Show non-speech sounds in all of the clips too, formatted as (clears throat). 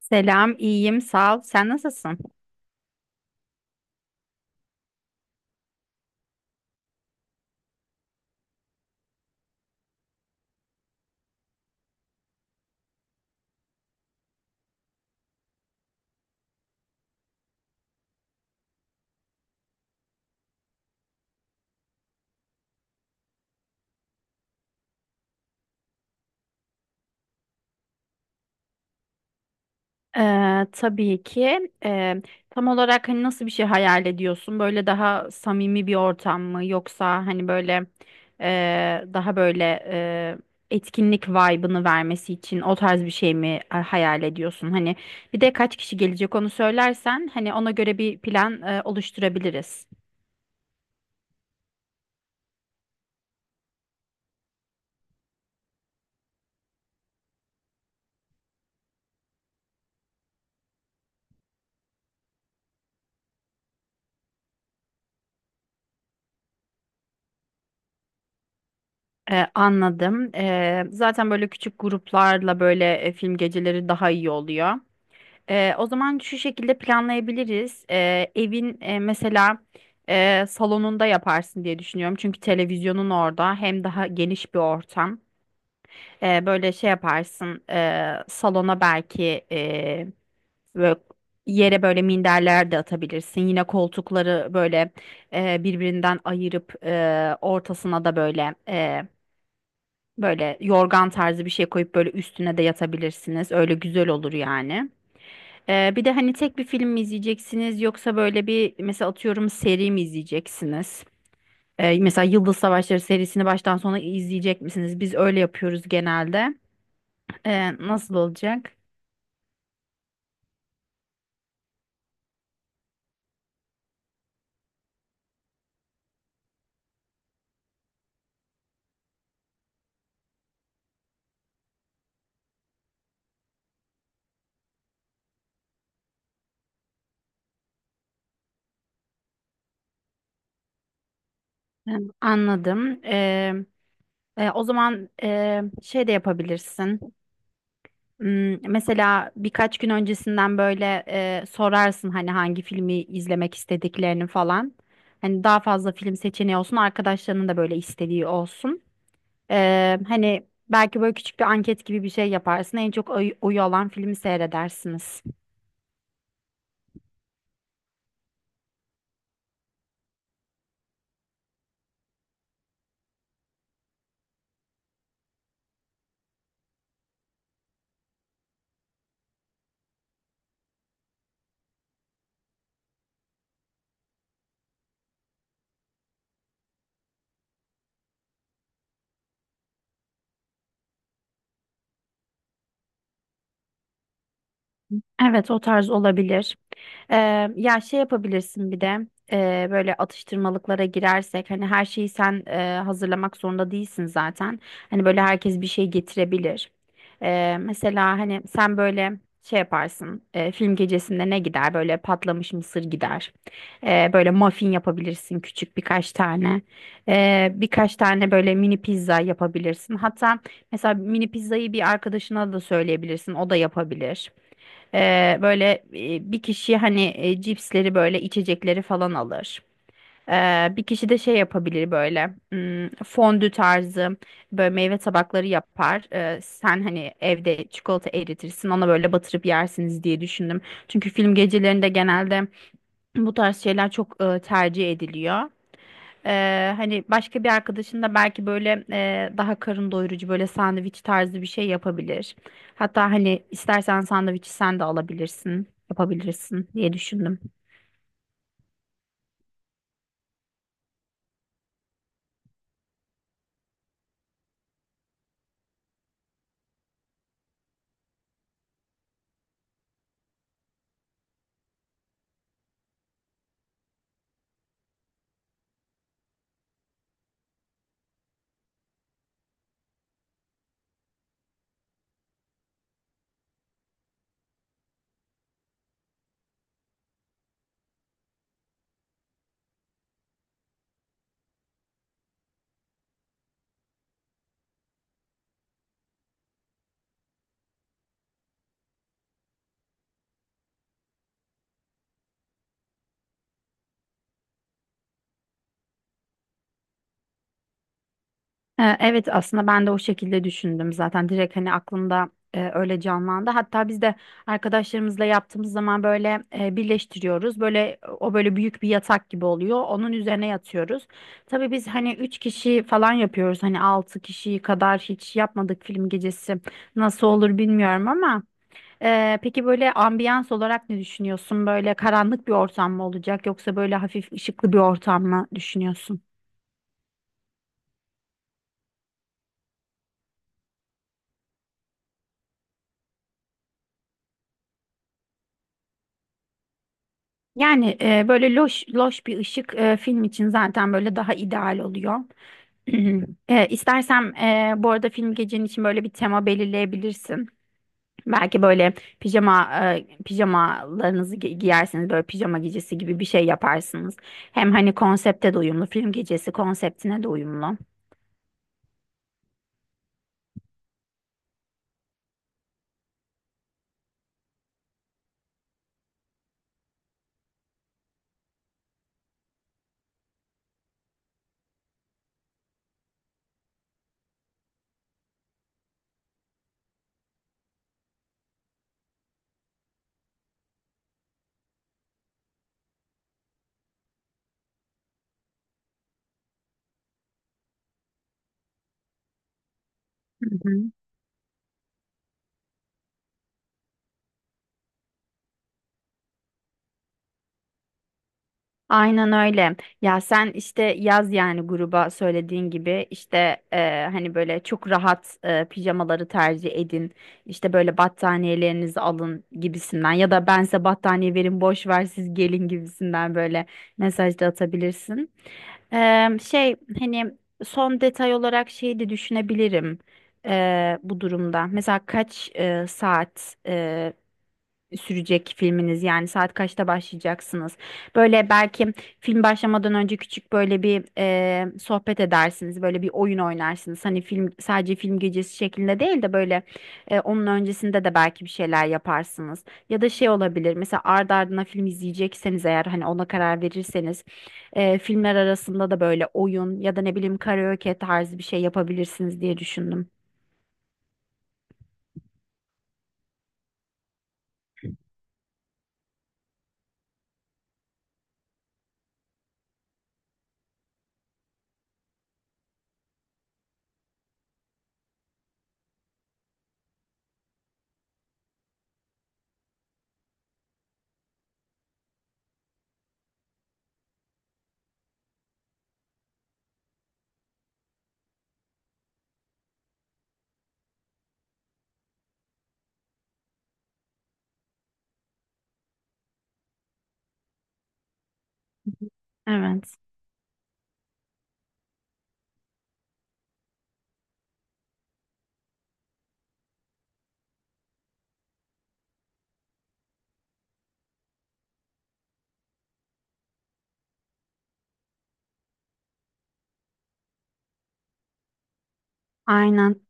Selam, iyiyim, sağ ol. Sen nasılsın? Tabii ki. Tam olarak hani nasıl bir şey hayal ediyorsun? Böyle daha samimi bir ortam mı? Yoksa hani böyle daha böyle etkinlik vibe'ını vermesi için o tarz bir şey mi hayal ediyorsun? Hani bir de kaç kişi gelecek onu söylersen hani ona göre bir plan oluşturabiliriz. Anladım. Zaten böyle küçük gruplarla böyle film geceleri daha iyi oluyor. O zaman şu şekilde planlayabiliriz. Evin mesela salonunda yaparsın diye düşünüyorum. Çünkü televizyonun orada hem daha geniş bir ortam. Böyle şey yaparsın salona belki e, Böyle yere böyle minderler de atabilirsin. Yine koltukları böyle birbirinden ayırıp ortasına da böyle böyle yorgan tarzı bir şey koyup böyle üstüne de yatabilirsiniz. Öyle güzel olur yani. Bir de hani tek bir film mi izleyeceksiniz yoksa böyle bir mesela atıyorum seri mi izleyeceksiniz? Mesela Yıldız Savaşları serisini baştan sona izleyecek misiniz? Biz öyle yapıyoruz genelde. Nasıl olacak? Ee, Anladım. O zaman şey de yapabilirsin. Mesela birkaç gün öncesinden böyle sorarsın hani hangi filmi izlemek istediklerini falan. Hani daha fazla film seçeneği olsun, arkadaşlarının da böyle istediği olsun. Hani belki böyle küçük bir anket gibi bir şey yaparsın. En çok oyu alan filmi seyredersiniz. Evet, o tarz olabilir. Ya şey yapabilirsin bir de böyle atıştırmalıklara girersek hani her şeyi sen hazırlamak zorunda değilsin zaten. Hani böyle herkes bir şey getirebilir. Mesela hani sen böyle şey yaparsın film gecesinde ne gider böyle patlamış mısır gider. Böyle muffin yapabilirsin küçük birkaç tane. Birkaç tane böyle mini pizza yapabilirsin. Hatta mesela mini pizzayı bir arkadaşına da söyleyebilirsin o da yapabilir. Böyle bir kişi hani cipsleri böyle içecekleri falan alır. Bir kişi de şey yapabilir böyle fondü tarzı böyle meyve tabakları yapar. Sen hani evde çikolata eritirsin ona böyle batırıp yersiniz diye düşündüm. Çünkü film gecelerinde genelde bu tarz şeyler çok tercih ediliyor. Hani başka bir arkadaşın da belki böyle daha karın doyurucu böyle sandviç tarzı bir şey yapabilir. Hatta hani istersen sandviçi sen de alabilirsin, yapabilirsin diye düşündüm. Evet aslında ben de o şekilde düşündüm zaten direkt hani aklımda öyle canlandı. Hatta biz de arkadaşlarımızla yaptığımız zaman böyle birleştiriyoruz. Böyle o böyle büyük bir yatak gibi oluyor. Onun üzerine yatıyoruz. Tabii biz hani üç kişi falan yapıyoruz. Hani altı kişi kadar hiç yapmadık film gecesi. Nasıl olur bilmiyorum ama peki böyle ambiyans olarak ne düşünüyorsun? Böyle karanlık bir ortam mı olacak yoksa böyle hafif ışıklı bir ortam mı düşünüyorsun? Yani böyle loş loş bir ışık film için zaten böyle daha ideal oluyor. (clears throat) İstersem e, (clears throat) bu arada film gecenin için böyle bir tema belirleyebilirsin. Belki böyle pijama giyersiniz böyle pijama gecesi gibi bir şey yaparsınız. Hem hani konsepte de uyumlu film gecesi konseptine de uyumlu. Hı hı. Aynen öyle. Ya sen işte yaz yani gruba söylediğin gibi işte hani böyle çok rahat pijamaları tercih edin. İşte böyle battaniyelerinizi alın gibisinden ya da ben size battaniye verin boş ver siz gelin gibisinden böyle mesaj da atabilirsin. Şey hani son detay olarak şeyi de düşünebilirim bu durumda. Mesela kaç saat sürecek filminiz? Yani saat kaçta başlayacaksınız? Böyle belki film başlamadan önce küçük böyle bir sohbet edersiniz. Böyle bir oyun oynarsınız. Hani film sadece film gecesi şeklinde değil de böyle onun öncesinde de belki bir şeyler yaparsınız. Ya da şey olabilir. Mesela ardı ardına film izleyecekseniz eğer hani ona karar verirseniz filmler arasında da böyle oyun ya da ne bileyim karaoke tarzı bir şey yapabilirsiniz diye düşündüm. Evet. Aynen.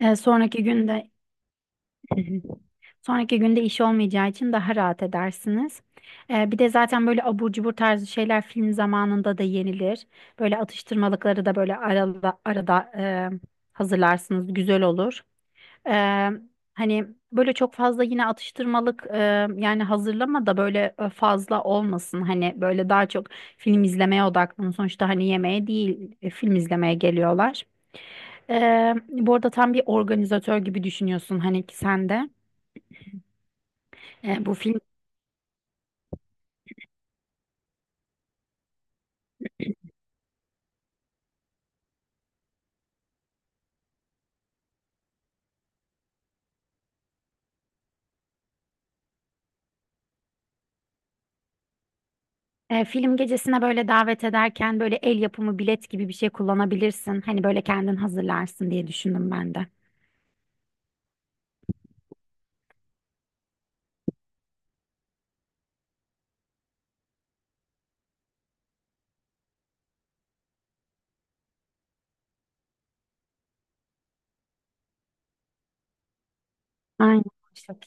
Sonraki günde Hı hı. Sonraki günde iş olmayacağı için daha rahat edersiniz. Bir de zaten böyle abur cubur tarzı şeyler film zamanında da yenilir. Böyle atıştırmalıkları da böyle arada hazırlarsınız. Güzel olur. Ee, hani böyle çok fazla yine atıştırmalık yani hazırlama da böyle fazla olmasın. Hani böyle daha çok film izlemeye odaklanın. Sonuçta hani yemeğe değil film izlemeye geliyorlar. Bu arada tam bir organizatör gibi düşünüyorsun hani ki sen de. E, bu film film gecesine böyle davet ederken böyle el yapımı bilet gibi bir şey kullanabilirsin. Hani böyle kendin hazırlarsın diye düşündüm ben de. Aynen. Çok.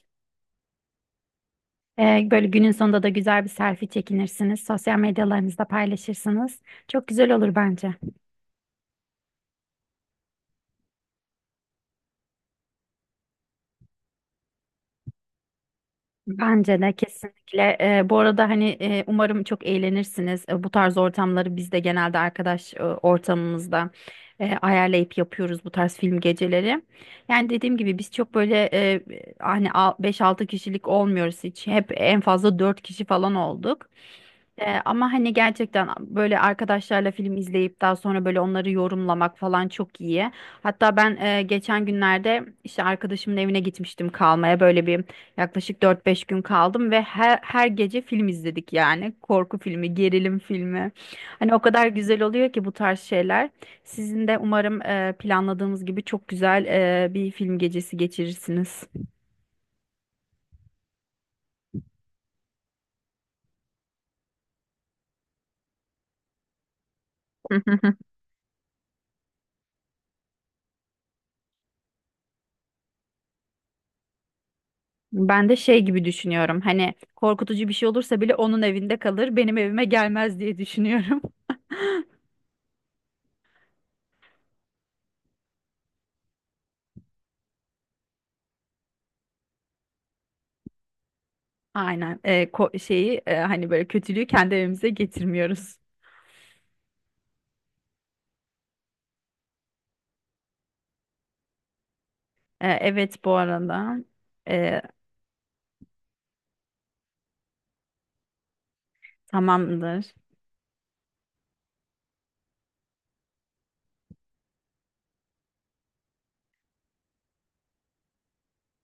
Böyle günün sonunda da güzel bir selfie çekinirsiniz. Sosyal medyalarınızda paylaşırsınız. Çok güzel olur bence. Bence de kesinlikle. Bu arada hani umarım çok eğlenirsiniz. Bu tarz ortamları biz de genelde arkadaş ortamımızda ayarlayıp yapıyoruz bu tarz film geceleri. Yani dediğim gibi biz çok böyle hani beş-altı kişilik olmuyoruz hiç. Hep en fazla 4 kişi falan olduk. Ama hani gerçekten böyle arkadaşlarla film izleyip daha sonra böyle onları yorumlamak falan çok iyi. Hatta ben geçen günlerde işte arkadaşımın evine gitmiştim kalmaya. Böyle bir yaklaşık dört beş gün kaldım ve her gece film izledik yani. Korku filmi, gerilim filmi. Hani o kadar güzel oluyor ki bu tarz şeyler. Sizin de umarım planladığımız gibi çok güzel bir film gecesi geçirirsiniz. (laughs) Ben de şey gibi düşünüyorum. Hani korkutucu bir şey olursa bile onun evinde kalır, benim evime gelmez diye düşünüyorum. (laughs) Aynen. Şeyi hani böyle kötülüğü kendi evimize getirmiyoruz. Evet bu arada. Ee, tamamdır.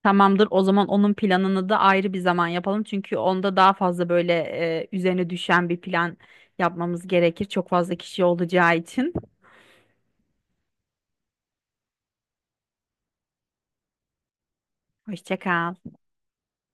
Tamamdır. O zaman onun planını da ayrı bir zaman yapalım. Çünkü onda daha fazla böyle üzerine düşen bir plan yapmamız gerekir. Çok fazla kişi olacağı için. Hoşça kal.